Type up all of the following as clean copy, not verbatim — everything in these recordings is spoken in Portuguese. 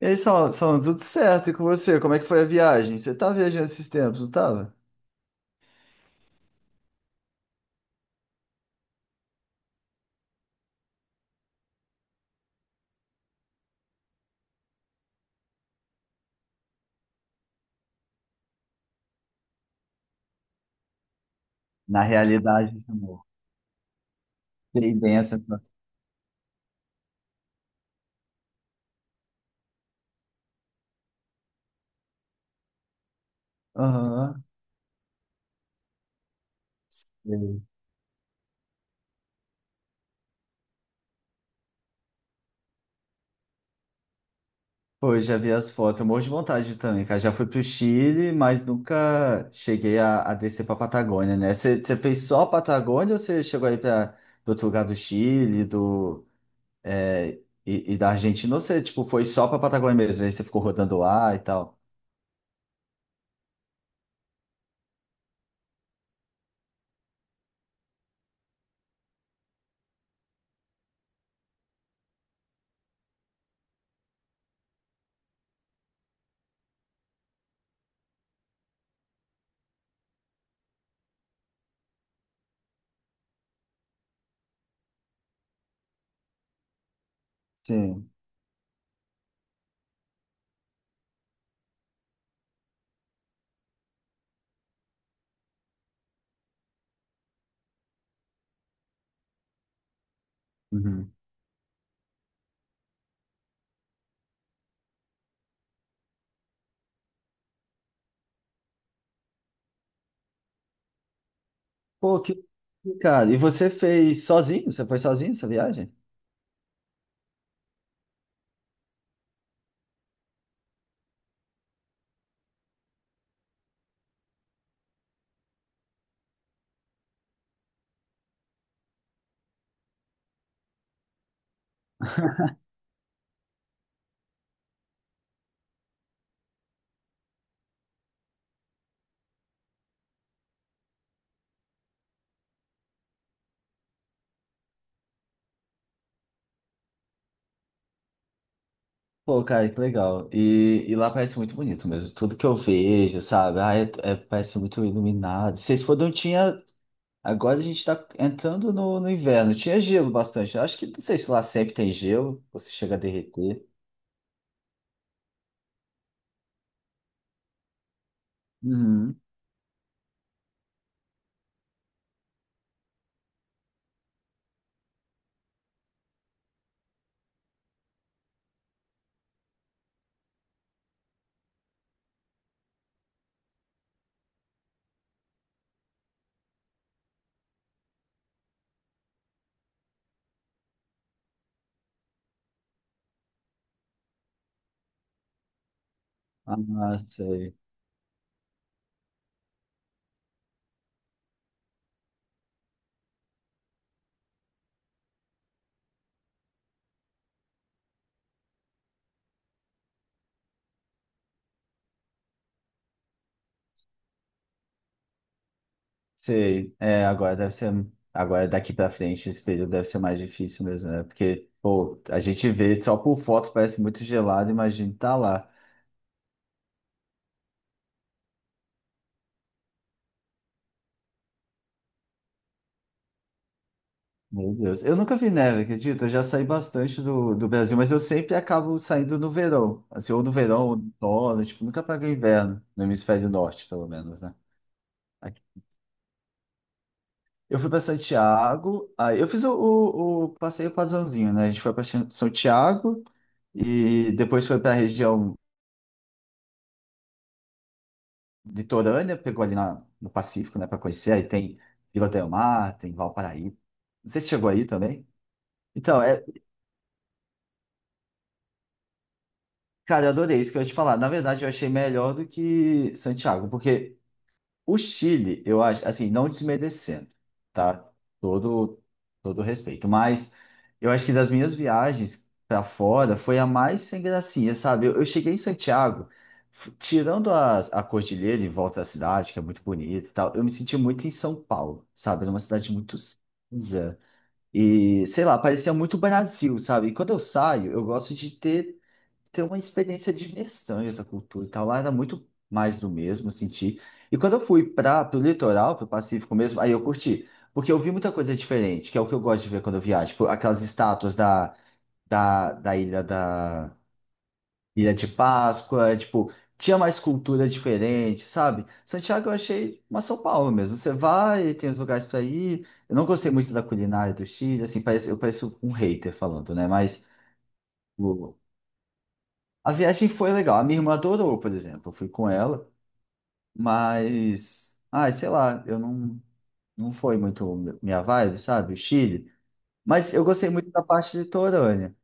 E aí, Saulo, tudo certo? E com você? Como é que foi a viagem? Você tá viajando esses tempos, não tava? Na realidade, amor. Sei bem essa situação. Aham. Sei. Pô, eu já vi as fotos. Eu morro de vontade também, cara. Já fui pro Chile, mas nunca cheguei a descer pra Patagônia, né? Você fez só a Patagônia ou você chegou aí pra outro lugar do Chile, e da Argentina? Ou você, tipo, foi só pra Patagônia mesmo? Aí você ficou rodando lá e tal? Sim. Uhum. Pô, que, que cara. E você fez sozinho? Você foi sozinho essa viagem? Pô, cara, que legal. E lá parece muito bonito mesmo. Tudo que eu vejo, sabe? Parece muito iluminado. Vocês foram, tinha. Agora a gente tá entrando no inverno. Tinha gelo bastante. Eu Acho que, não sei se lá sempre tem gelo, você chega a derreter. Uhum. Ah, sei. Sei. É, agora deve ser. Agora daqui pra frente, esse período deve ser mais difícil mesmo, né? Porque, pô, a gente vê só por foto, parece muito gelado, imagina tá lá. Meu Deus. Eu nunca vi neve, acredito. Eu já saí bastante do Brasil, mas eu sempre acabo saindo no verão. Assim, ou no verão, ou no outono, tipo, nunca pego inverno, no hemisfério norte, pelo menos, né? Aqui. Eu fui para Santiago, aí eu fiz o passeio padrãozinho, né? A gente foi para São Tiago e depois foi para a região litorânea, pegou ali no Pacífico, né, para conhecer. Aí tem Vila del Mar, tem Valparaíso. Não sei se chegou aí também. Então, é, Cara, eu adorei isso que eu ia te falar. Na verdade, eu achei melhor do que Santiago, porque o Chile, eu acho, assim, não desmerecendo, tá? Todo, todo respeito. Mas eu acho que das minhas viagens pra fora foi a mais sem gracinha, sabe? Eu cheguei em Santiago, tirando a cordilheira em volta da cidade, que é muito bonita e tal, eu me senti muito em São Paulo, sabe? Era uma cidade muito cinza. E, sei lá, parecia muito Brasil, sabe? E quando eu saio, eu gosto de ter uma experiência de imersão em outra cultura e tal. Lá era muito mais do mesmo, eu senti. E quando eu fui para o litoral, para o Pacífico mesmo, aí eu curti. Porque eu vi muita coisa diferente, que é o que eu gosto de ver quando eu viajo. Tipo, aquelas estátuas da Ilha de Páscoa, tipo, tinha mais cultura diferente, sabe? Santiago eu achei uma São Paulo mesmo. Você vai, tem os lugares para ir. Eu não gostei muito da culinária do Chile, assim, parece, eu pareço um hater falando, né? Mas a viagem foi legal. A minha irmã adorou, por exemplo. Eu fui com ela, mas, ai, sei lá, eu não, não foi muito minha vibe, sabe? O Chile. Mas eu gostei muito da parte litorânea.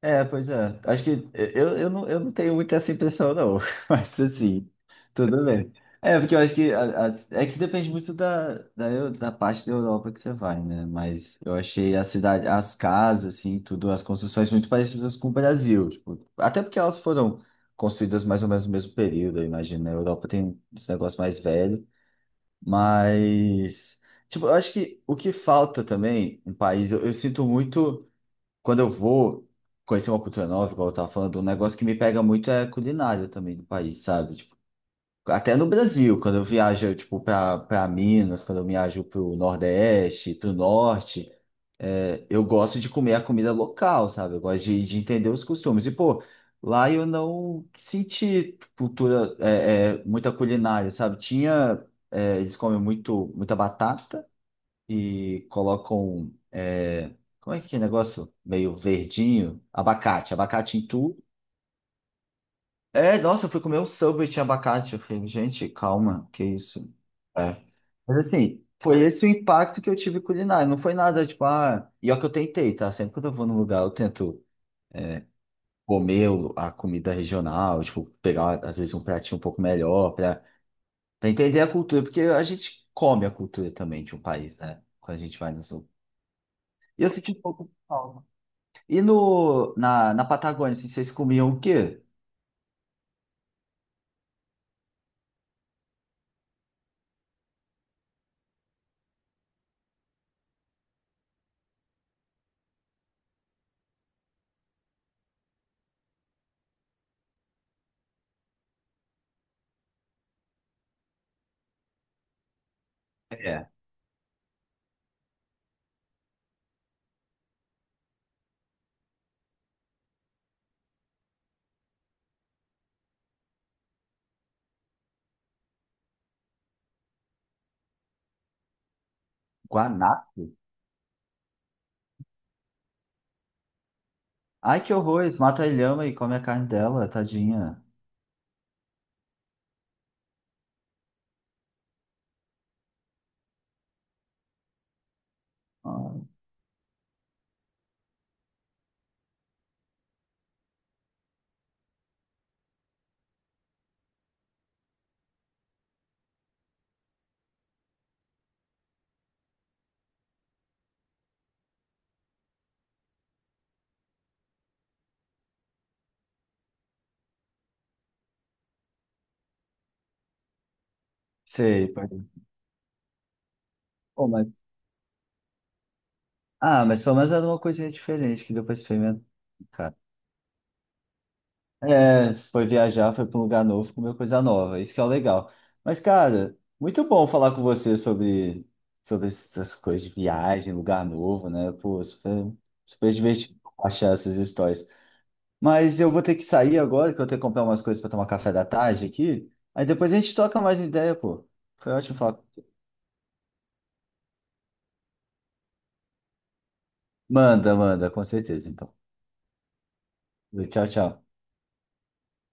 É, pois é. Acho que eu não tenho muito essa impressão, não. Mas assim, tudo bem. É, porque eu acho que é que depende muito da parte da Europa que você vai, né? Mas eu achei a cidade, as casas, assim, tudo, as construções muito parecidas com o Brasil. Tipo, até porque elas foram construídas mais ou menos no mesmo período, eu imagino, né? A Europa tem esse negócio mais velho, mas. Tipo, eu acho que o que falta também no país, eu sinto muito quando eu vou conhecer uma cultura nova, igual eu tava falando, um negócio que me pega muito é a culinária também do país, sabe? Tipo, até no Brasil, quando eu viajo, tipo, pra Minas, quando eu viajo pro Nordeste, pro Norte, é, eu gosto de comer a comida local, sabe? Eu gosto de entender os costumes. E, pô, lá eu não senti cultura, muita culinária, sabe? Eles comem muito, muita batata, e colocam, é, como é que é negócio? Meio verdinho, abacate, abacate em tudo. É, nossa, eu fui comer um Subway e tinha abacate. Eu falei, gente, calma, que isso? É. Mas assim, foi esse o impacto que eu tive culinário. Não foi nada, tipo, ah... E ó que eu tentei, tá? Sempre quando eu vou num lugar, eu tento comer a comida regional, tipo, pegar, às vezes, um pratinho um pouco melhor pra entender a cultura. Porque a gente come a cultura também de um país, né? Quando a gente vai nos... E eu senti um pouco... E no, na Patagônia, assim, vocês comiam o quê? É. Guanaco? Ai, que horror, eles matam a lhama e comem a carne dela, tadinha. Ah, sei, pode. Pô, mas... Ah, mas pelo menos era uma coisinha diferente que deu pra experimentar, cara. É, foi viajar, foi para um lugar novo, comeu coisa nova, isso que é o legal. Mas, cara, muito bom falar com você sobre, sobre essas coisas de viagem, lugar novo, né? Pô, super, super divertido achar essas histórias. Mas eu vou ter que sair agora, que eu tenho que comprar umas coisas para tomar café da tarde aqui. Aí depois a gente troca mais uma ideia, pô. Foi ótimo falar. Manda, manda, com certeza, então. Tchau, tchau.